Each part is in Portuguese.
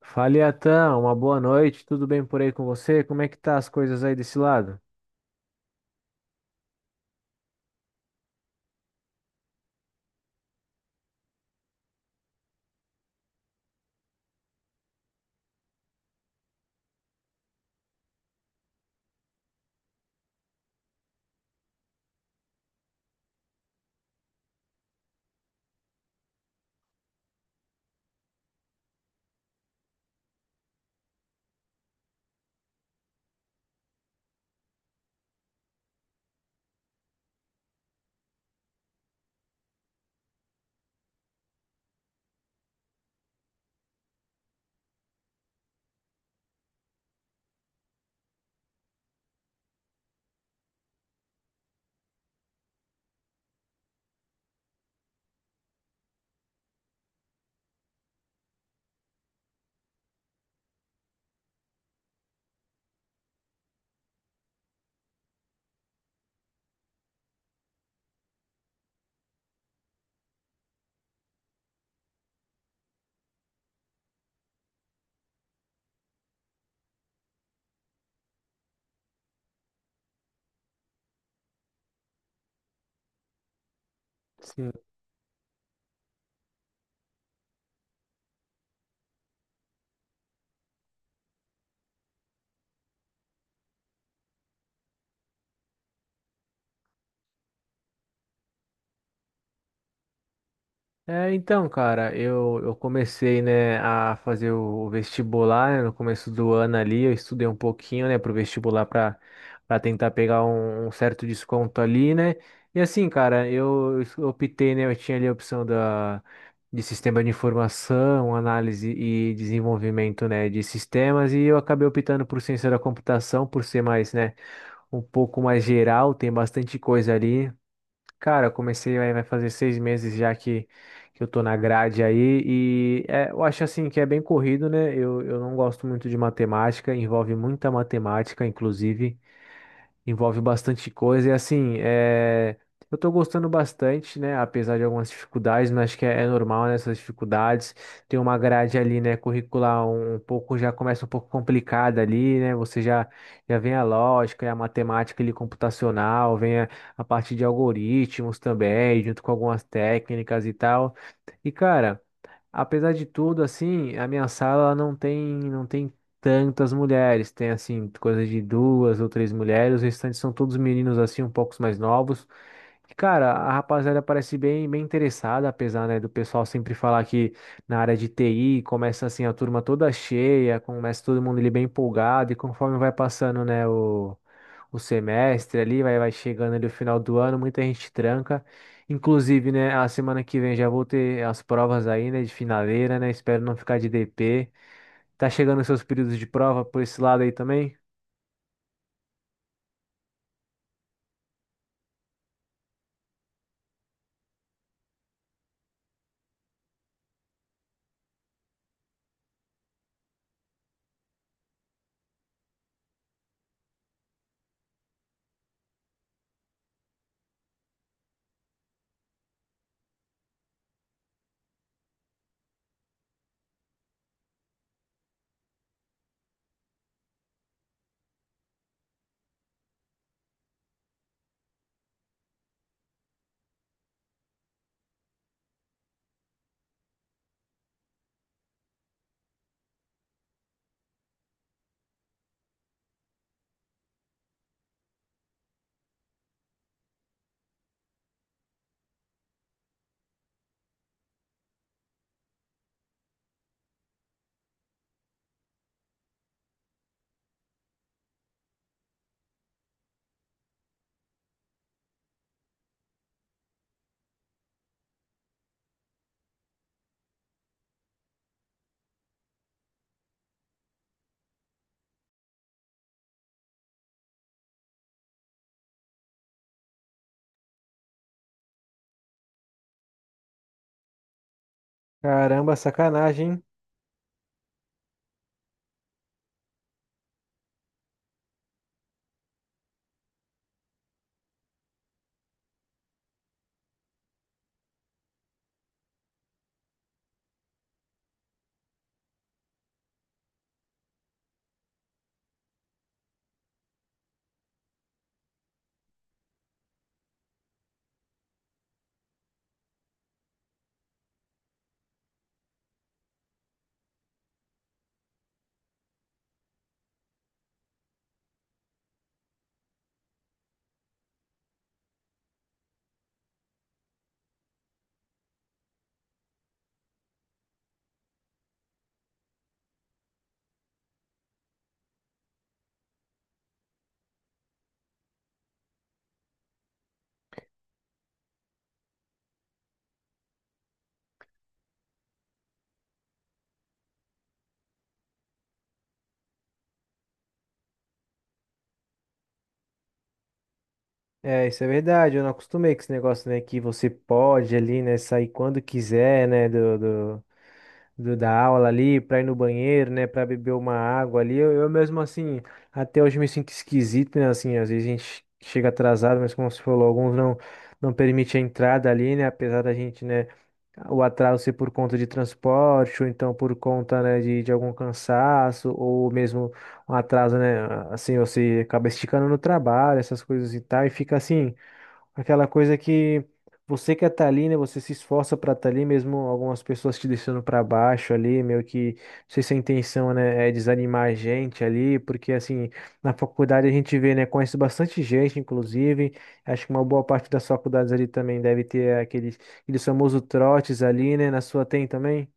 Fala, Iatan, uma boa noite, tudo bem por aí com você? Como é que tá as coisas aí desse lado? Sim. É, então, cara, eu comecei, né, a fazer o vestibular, né, no começo do ano ali, eu estudei um pouquinho, né, pro vestibular para tentar pegar um certo desconto ali, né, e assim, cara, eu optei, né, eu tinha ali a opção da, de sistema de informação, análise e desenvolvimento, né, de sistemas, e eu acabei optando por ciência da computação, por ser mais, né, um pouco mais geral, tem bastante coisa ali. Cara, eu comecei, aí vai fazer 6 meses já que eu tô na grade aí, e é, eu acho assim que é bem corrido, né? Eu não gosto muito de matemática, envolve muita matemática, inclusive envolve bastante coisa. E assim, é, eu tô gostando bastante, né? Apesar de algumas dificuldades, mas acho que é normal, né, essas dificuldades. Tem uma grade ali, né, curricular um pouco, já começa um pouco complicada ali, né? Você já vem a lógica, a matemática ali computacional, vem a parte de algoritmos também, junto com algumas técnicas e tal. E, cara. Apesar de tudo, assim, a minha sala ela não tem tantas mulheres. Tem, assim, coisa de duas ou três mulheres. Os restantes são todos meninos, assim, um pouco mais novos. Cara, a rapaziada parece bem, bem interessada, apesar, né, do pessoal sempre falar que na área de TI começa assim a turma toda cheia, começa todo mundo ali bem empolgado e conforme vai passando, né, o semestre ali, vai chegando ali o final do ano, muita gente tranca. Inclusive, né, a semana que vem já vou ter as provas aí, né, de finaleira, né, espero não ficar de DP. Tá chegando os seus períodos de prova por esse lado aí também? Caramba, sacanagem, hein? É, isso é verdade. Eu não acostumei com esse negócio, né? Que você pode ali, né? Sair quando quiser, né? Da aula ali, pra ir no banheiro, né? Pra beber uma água ali. Eu mesmo, assim, até hoje me sinto esquisito, né? Assim, às vezes a gente chega atrasado, mas como você falou, alguns não, não permite a entrada ali, né? Apesar da gente, né? O atraso ser por conta de transporte, ou então por conta, né? De algum cansaço, ou mesmo um atraso, né? Assim, você acaba esticando no trabalho, essas coisas e tal, e fica assim. Aquela coisa que você quer estar ali, né? Você se esforça para estar ali, mesmo algumas pessoas te deixando para baixo ali, meio que, não sei se a intenção, né, é desanimar a gente ali, porque assim, na faculdade a gente vê, né, conhece bastante gente, inclusive, acho que uma boa parte das faculdades ali também deve ter aqueles, famosos trotes ali, né? Na sua tem também?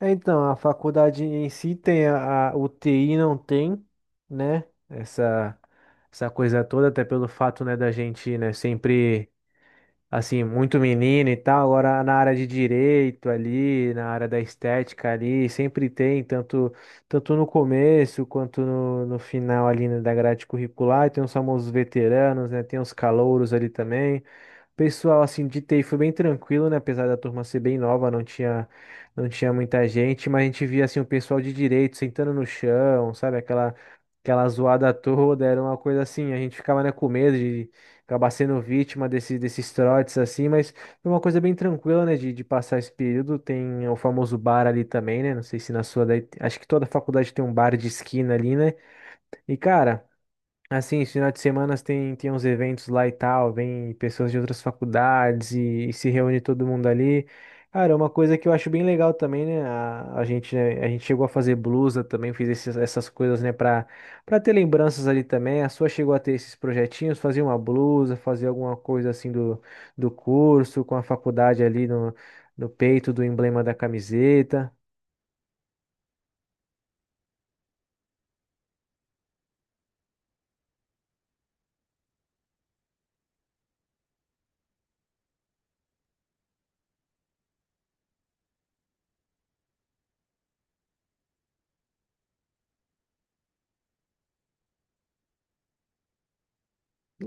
É, então, a faculdade em si tem, a, UTI não tem, né? Essa, essa coisa toda, até pelo fato, né, da gente, né, sempre, assim, muito menino e tal. Agora na área de direito ali, na área da estética ali, sempre tem, tanto no começo quanto no final ali, né, da grade curricular. E tem os famosos veteranos, né? Tem os calouros ali também. Pessoal, assim, de TI foi bem tranquilo, né? Apesar da turma ser bem nova, não tinha, muita gente, mas a gente via, assim, o pessoal de direito sentando no chão, sabe? Aquela zoada toda, era uma coisa assim, a gente ficava, né, com medo de acabar sendo vítima desse, desses trotes, assim, mas foi uma coisa bem tranquila, né, de passar esse período. Tem o famoso bar ali também, né? Não sei se na sua, daí, acho que toda faculdade tem um bar de esquina ali, né? E, cara. Assim, esse final de semana tem, uns eventos lá e tal, vem pessoas de outras faculdades e se reúne todo mundo ali. Cara, é uma coisa que eu acho bem legal também, né? A gente, né, a gente chegou a fazer blusa também, fiz essas coisas, né, pra, ter lembranças ali também. A sua chegou a ter esses projetinhos, fazer uma blusa, fazer alguma coisa assim do, curso, com a faculdade ali no peito do emblema da camiseta.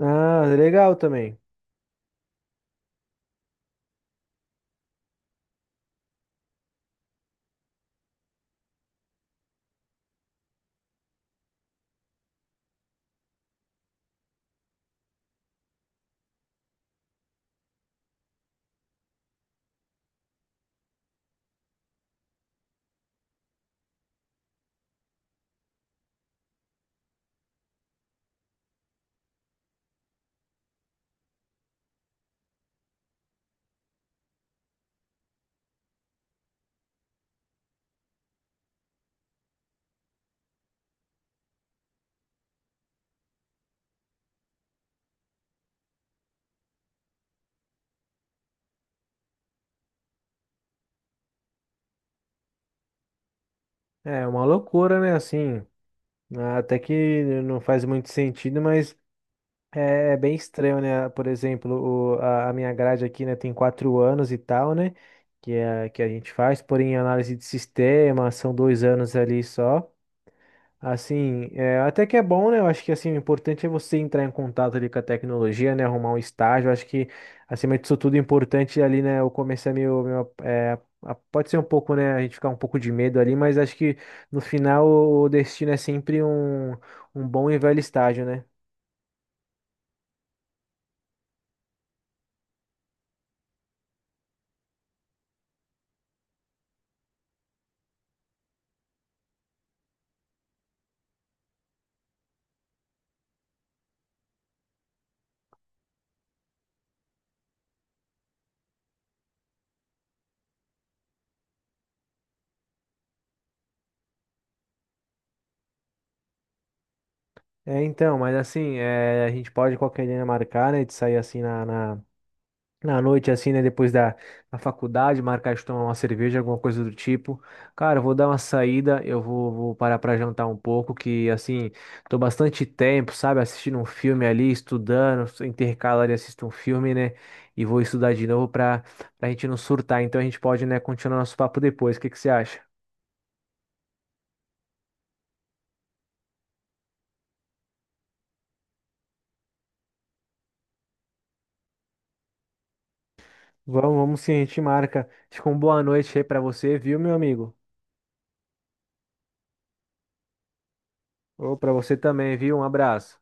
Ah, legal também. É uma loucura, né? Assim. Ah, até que não faz muito sentido, mas é bem estranho, né? Por exemplo, o- a minha grade aqui, né, tem 4 anos e tal, né? Que a gente faz, porém, análise de sistema, são 2 anos ali só. Assim, é, até que é bom, né? Eu acho que assim, o importante é você entrar em contato ali com a tecnologia, né? Arrumar um estágio. Eu acho que, acima disso tudo, o importante ali, né? Eu comecei a meio, meu é, pode ser um pouco, né? A gente ficar um pouco de medo ali, mas acho que no final o destino é sempre um bom e velho estágio, né? É, então, mas assim, é, a gente pode qualquer dia marcar, né? De sair assim na noite, assim, né? Depois da, faculdade, marcar de tomar uma cerveja, alguma coisa do tipo. Cara, eu vou dar uma saída, eu vou parar pra jantar um pouco, que, assim, tô bastante tempo, sabe? Assistindo um filme ali, estudando, intercalo ali, assisto um filme, né? E vou estudar de novo pra gente não surtar. Então a gente pode, né, continuar nosso papo depois. O que que você acha? Vamos, vamos sim, a gente marca. Fica uma boa noite aí pra você, viu, meu amigo? Ou pra você também, viu? Um abraço.